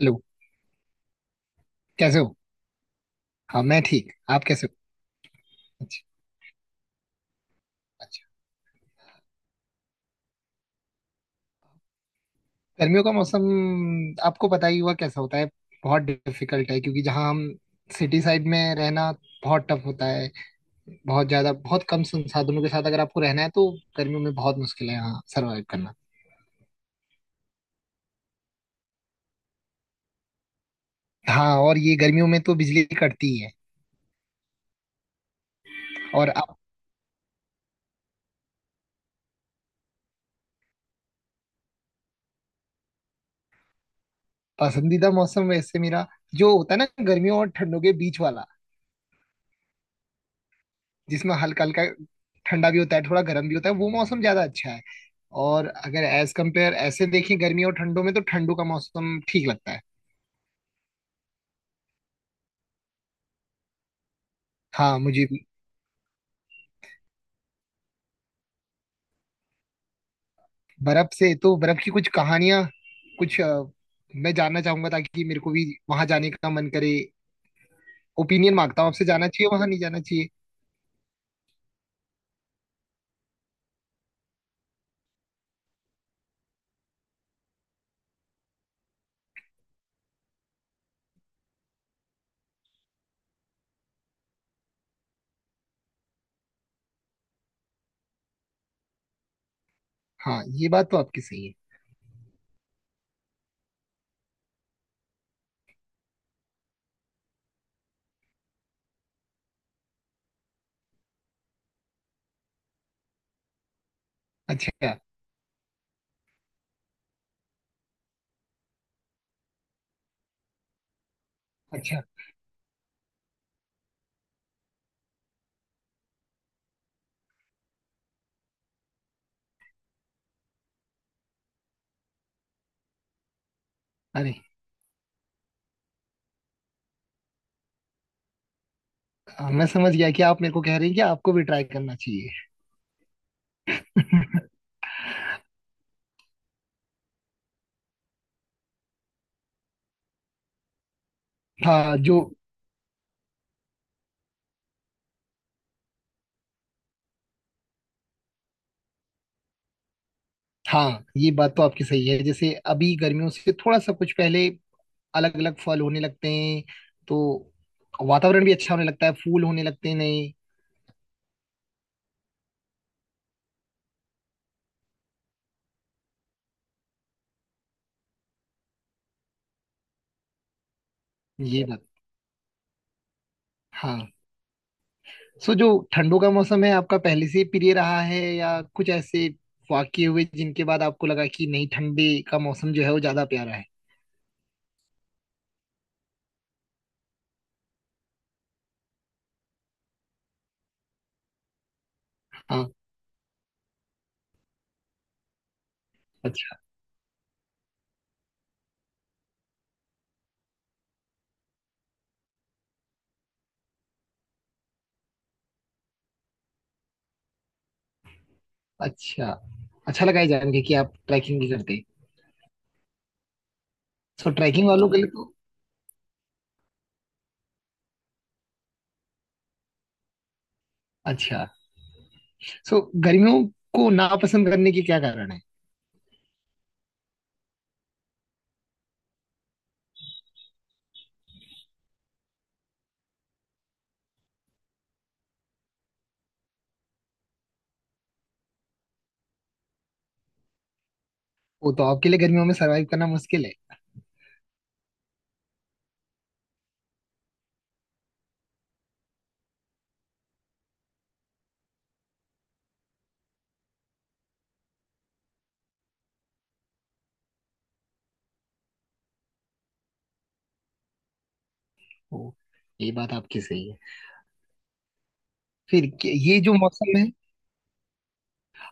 Hello. कैसे हो? हाँ मैं ठीक, आप कैसे हो? अच्छा। अच्छा। गर्मियों का मौसम आपको पता ही हुआ कैसा होता है। बहुत डिफिकल्ट है क्योंकि जहाँ हम सिटी साइड में रहना बहुत टफ होता है। बहुत ज्यादा बहुत कम संसाधनों के साथ अगर आपको रहना है तो गर्मियों में बहुत मुश्किल है यहाँ सरवाइव करना। हाँ और ये गर्मियों में तो बिजली कटती ही है। और आप? पसंदीदा मौसम वैसे मेरा जो होता है ना गर्मियों और ठंडों के बीच वाला, जिसमें हल्का हल्का ठंडा भी होता है थोड़ा गर्म भी होता है, वो मौसम ज्यादा अच्छा है। और अगर एज कंपेयर ऐसे देखें गर्मी और ठंडों में तो ठंडों का मौसम ठीक लगता है। हाँ मुझे भी। बर्फ से तो बर्फ की कुछ कहानियां, कुछ मैं जानना चाहूंगा ताकि मेरे को भी वहां जाने का मन करे। ओपिनियन मांगता हूँ आपसे, जाना चाहिए वहां नहीं जाना चाहिए? हाँ ये बात तो आपकी सही है। अच्छा। अच्छा। अरे, मैं समझ गया कि आप मेरे को कह रहे हैं कि आपको भी ट्राई करना चाहिए। हाँ जो, हाँ ये बात तो आपकी सही है। जैसे अभी गर्मियों से थोड़ा सा कुछ पहले अलग अलग फल होने लगते हैं तो वातावरण भी अच्छा होने लगता है, फूल होने लगते हैं नए। ये बात, हाँ। सो जो ठंडों का मौसम है आपका पहले से प्रिय रहा है, या कुछ ऐसे वाकये हुए जिनके बाद आपको लगा कि नहीं ठंडे का मौसम जो है वो ज्यादा प्यारा है? हाँ। अच्छा अच्छा। अच्छा लगा ये जान के कि आप ट्रैकिंग भी करते हैं। सो ट्रैकिंग वालों के लिए तो अच्छा। सो गर्मियों को नापसंद करने के क्या कारण है? वो तो आपके लिए गर्मियों में सरवाइव करना मुश्किल है। ओ, ये बात आपकी सही है। ये जो मौसम है,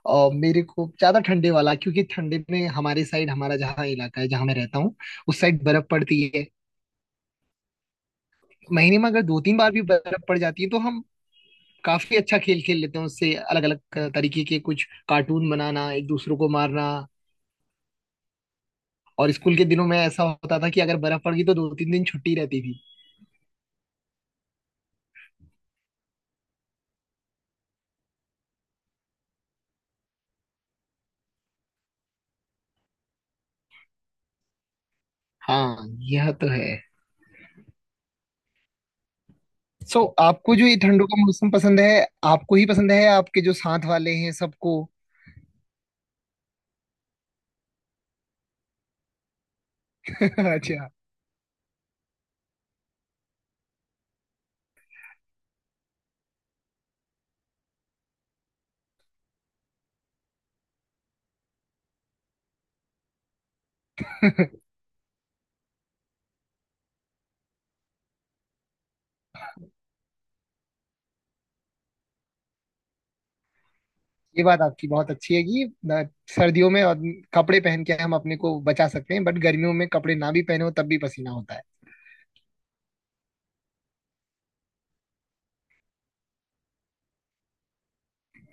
मेरे को ज्यादा ठंडे वाला, क्योंकि ठंडे में हमारे साइड, हमारा जहाँ इलाका है जहाँ मैं रहता हूँ उस साइड बर्फ पड़ती है। महीने में अगर दो तीन बार भी बर्फ पड़ जाती है तो हम काफी अच्छा खेल खेल लेते हैं उससे, अलग अलग तरीके के कुछ कार्टून बनाना, एक दूसरों को मारना। और स्कूल के दिनों में ऐसा होता था कि अगर बर्फ पड़ गई तो दो तीन दिन छुट्टी रहती थी। हाँ, यह तो है। सो आपको जो ये ठंडों का मौसम पसंद है, आपको ही पसंद है या आपके जो साथ वाले हैं सबको? अच्छा। ये बात आपकी बहुत अच्छी है कि सर्दियों में और कपड़े पहन के हम अपने को बचा सकते हैं, बट गर्मियों में कपड़े ना भी पहने हो तब भी पसीना होता है।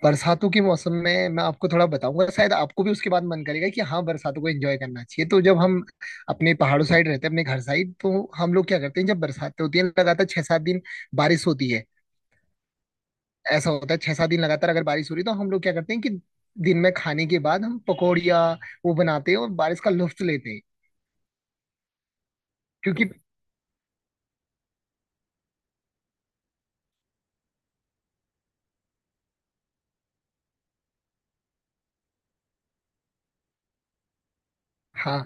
बरसातों के मौसम में मैं आपको थोड़ा बताऊंगा, शायद आपको भी उसके बाद मन करेगा कि हाँ बरसातों को एंजॉय करना चाहिए। तो जब हम अपने पहाड़ों साइड रहते हैं अपने घर साइड, तो हम लोग क्या करते हैं, जब बरसातें होती हैं लगातार छह सात दिन बारिश होती है। ऐसा होता है छह सात दिन लगातार अगर बारिश हो रही है तो हम लोग क्या करते हैं कि दिन में खाने के बाद हम पकौड़िया वो बनाते हैं और बारिश का लुत्फ लेते हैं। क्योंकि, हाँ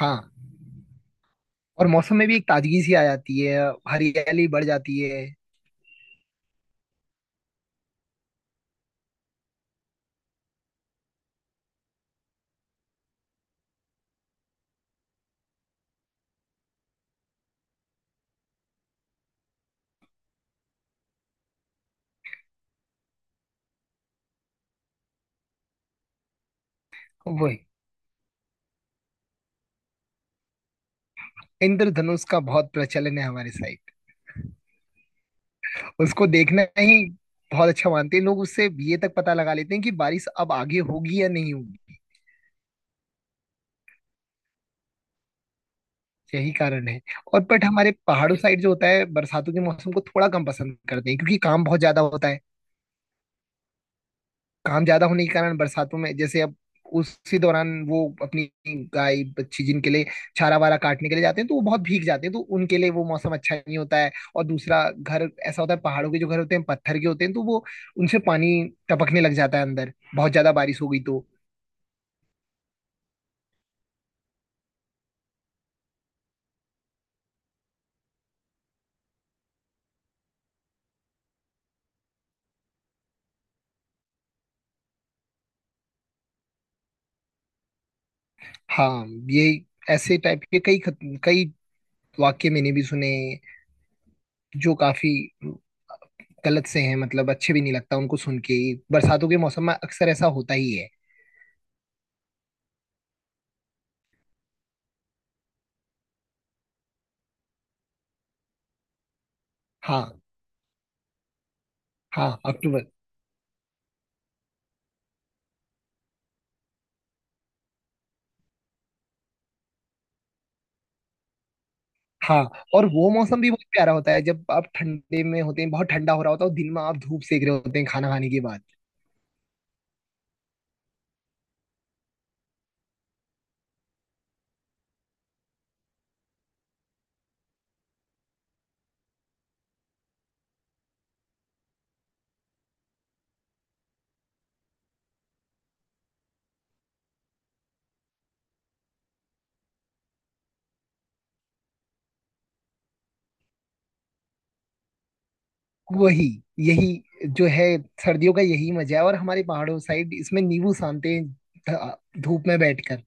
हाँ, और मौसम में भी एक ताजगी सी आ जाती है, हरियाली बढ़ जाती है। वही, इंद्रधनुष का बहुत प्रचलन है हमारे साइड। उसको देखना ही बहुत अच्छा मानते हैं लोग, उससे ये तक पता लगा लेते हैं कि बारिश अब आगे होगी या नहीं होगी। यही कारण है। और बट हमारे पहाड़ों साइड जो होता है बरसातों के मौसम को थोड़ा कम पसंद करते हैं क्योंकि काम बहुत ज्यादा होता है। काम ज्यादा होने के कारण बरसातों में जैसे अब उसी दौरान वो अपनी गाय बच्ची जिनके लिए चारा वारा काटने के लिए जाते हैं तो वो बहुत भीग जाते हैं तो उनके लिए वो मौसम अच्छा नहीं होता है। और दूसरा, घर ऐसा होता है पहाड़ों के, जो घर होते हैं पत्थर के होते हैं तो वो उनसे पानी टपकने लग जाता है अंदर बहुत ज्यादा बारिश हो गई तो। हाँ ये, ऐसे टाइप के कई वाक्य मैंने भी सुने जो काफी गलत से हैं, मतलब अच्छे भी नहीं लगता उनको सुन के। बरसातों के मौसम में अक्सर ऐसा होता ही है। हाँ। हाँ अक्टूबर। हाँ और वो मौसम भी बहुत प्यारा होता है जब आप ठंडे में होते हैं, बहुत ठंडा हो रहा होता है और दिन में आप धूप सेक रहे होते हैं खाना खाने के बाद। वही, यही जो है सर्दियों का यही मजा है। और हमारे पहाड़ों साइड इसमें नींबू सानते हैं धूप में बैठकर।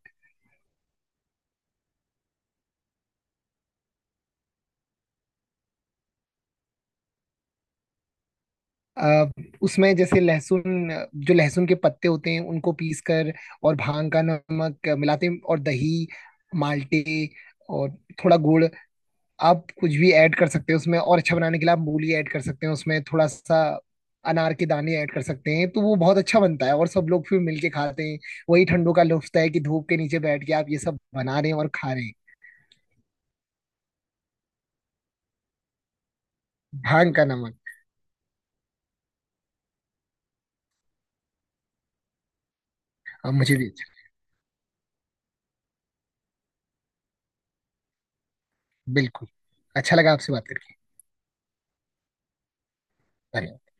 अ, उसमें जैसे लहसुन, जो लहसुन के पत्ते होते हैं उनको पीस कर और भांग का नमक मिलाते हैं, और दही, माल्टे, और थोड़ा गुड़। आप कुछ भी ऐड कर सकते हैं उसमें, और अच्छा बनाने के लिए आप मूली ऐड कर सकते हैं उसमें थोड़ा सा, अनार के दाने ऐड कर सकते हैं, तो वो बहुत अच्छा बनता है और सब लोग फिर मिलके खाते हैं। वही ठंडों का लुत्फ है कि धूप के नीचे बैठ के आप ये सब बना रहे हैं और खा रहे हैं। भांग का नमक। मुझे भी अच्छा, बिल्कुल, अच्छा लगा आपसे बात करके। धन्यवाद।